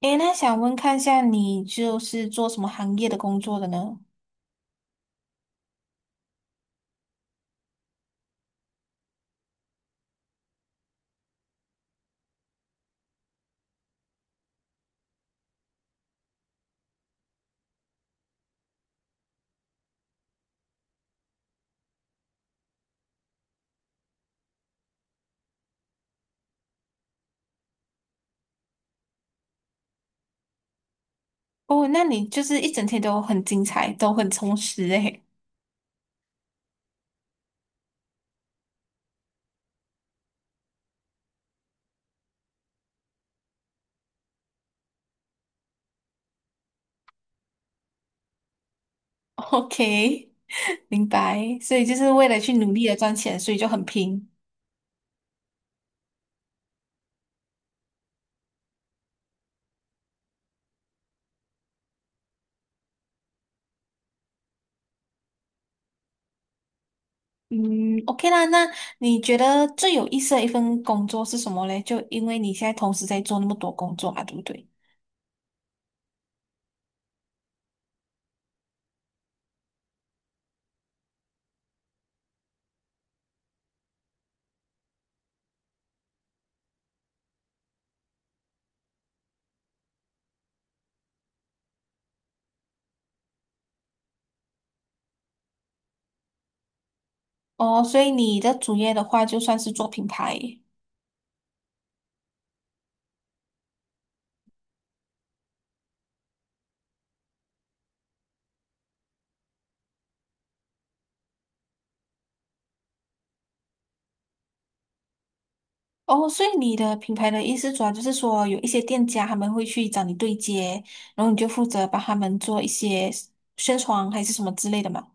诶，那想问看一下，你就是做什么行业的工作的呢？哦，那你就是一整天都很精彩，都很充实诶。OK，明白。所以就是为了去努力的赚钱，所以就很拼。嗯，OK 啦。那你觉得最有意思的一份工作是什么嘞？就因为你现在同时在做那么多工作啊，对不对？哦，所以你的主业的话，就算是做品牌。哦，所以你的品牌的意思主要就是说，有一些店家他们会去找你对接，然后你就负责帮他们做一些宣传还是什么之类的嘛？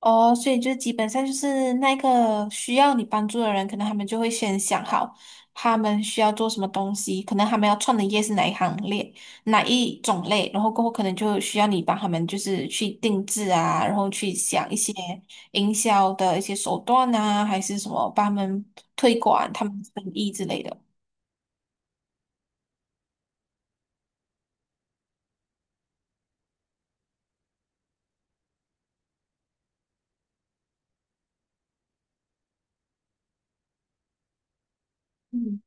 哦，所以就是基本上就是那个需要你帮助的人，可能他们就会先想好他们需要做什么东西，可能他们要创的业是哪一行列、哪一种类，然后过后可能就需要你帮他们就是去定制啊，然后去想一些营销的一些手段啊，还是什么帮他们推广他们的生意之类的。嗯，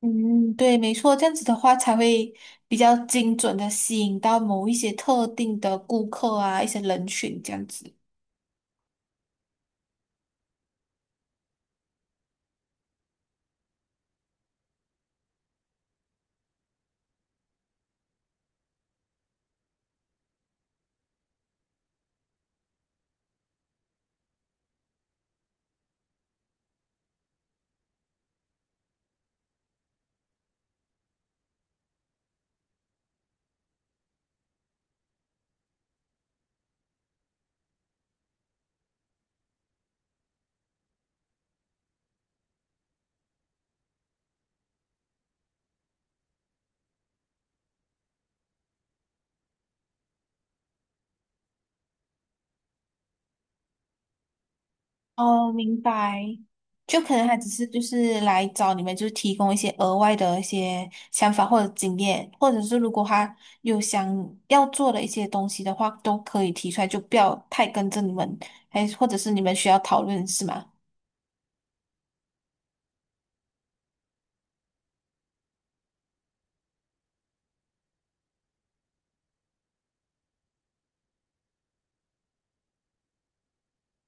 嗯，对，没错，这样子的话才会比较精准的吸引到某一些特定的顾客啊，一些人群这样子。哦，明白。就可能他只是就是来找你们，就是提供一些额外的一些想法或者经验，或者是如果他有想要做的一些东西的话，都可以提出来，就不要太跟着你们，还或者是你们需要讨论是吗？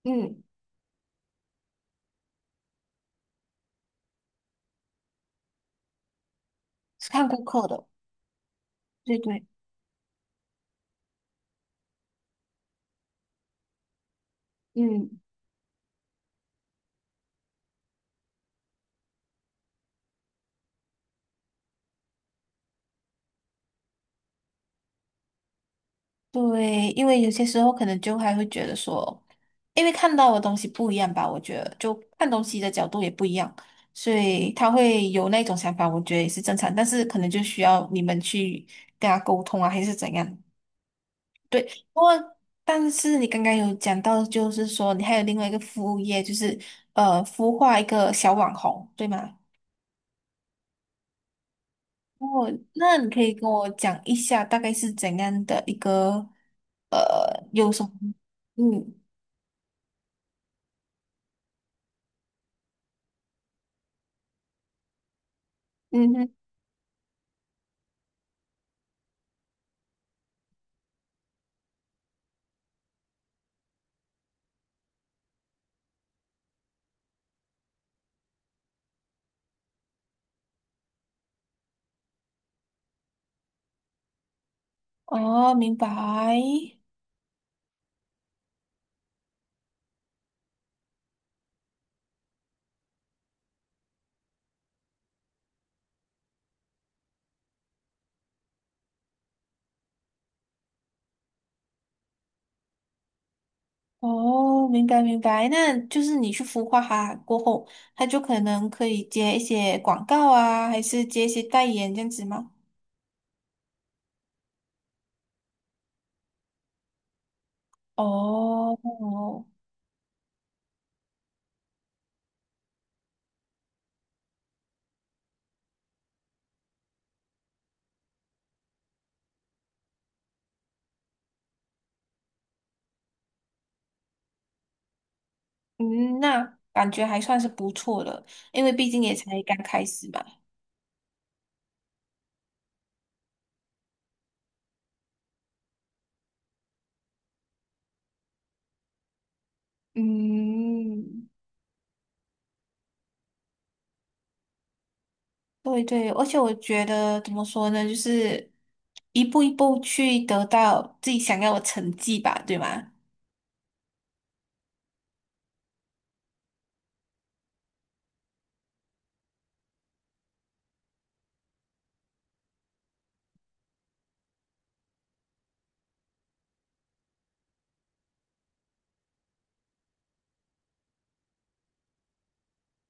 嗯是看顾客的，对对。嗯。对，因为有些时候可能就还会觉得说，因为看到的东西不一样吧，我觉得就看东西的角度也不一样，所以他会有那种想法，我觉得也是正常，但是可能就需要你们去跟他沟通啊，还是怎样。对，不过但是你刚刚有讲到，就是说你还有另外一个副业，就是孵化一个小网红，对吗？哦，那你可以跟我讲一下大概是怎样的一个有什么嗯。嗯哼。哦，明白。哦，明白明白。那就是你去孵化它过后，它就可能可以接一些广告啊，还是接一些代言这样子吗？哦，嗯，那感觉还算是不错的，因为毕竟也才刚开始嘛。嗯，对对，而且我觉得怎么说呢，就是一步一步去得到自己想要的成绩吧，对吗？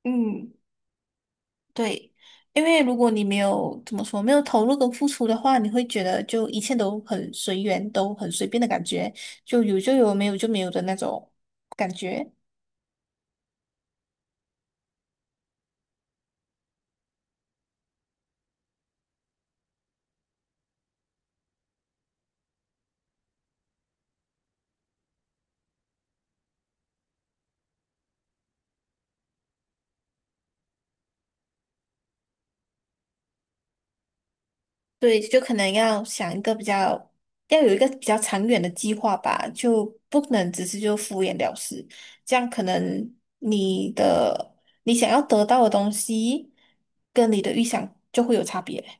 嗯。对，因为如果你没有怎么说，没有投入跟付出的话，你会觉得就一切都很随缘，都很随便的感觉，就有就有，没有就没有的那种感觉。对，就可能要想一个比较，要有一个比较长远的计划吧，就不能只是就敷衍了事。这样可能你的你想要得到的东西，跟你的预想就会有差别。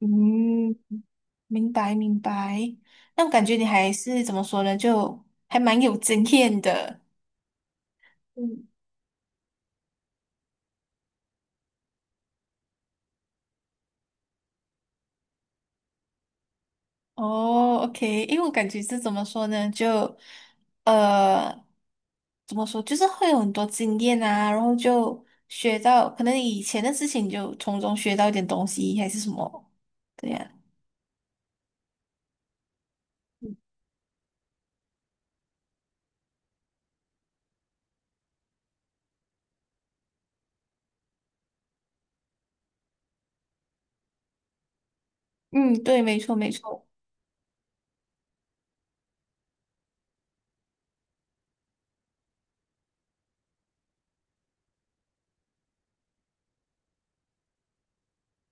嗯，明白明白，那我感觉你还是怎么说呢，就还蛮有经验的。嗯哦，OK，因为我感觉是怎么说呢，就呃，怎么说，就是会有很多经验啊，然后就学到可能以前的事情，就从中学到一点东西，还是什么，对呀、嗯嗯，对，没错没错。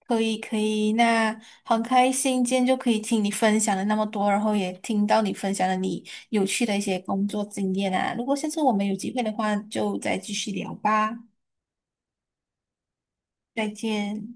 可以可以，那很开心今天就可以听你分享了那么多，然后也听到你分享了你有趣的一些工作经验啊。如果下次我们有机会的话，就再继续聊吧。再见。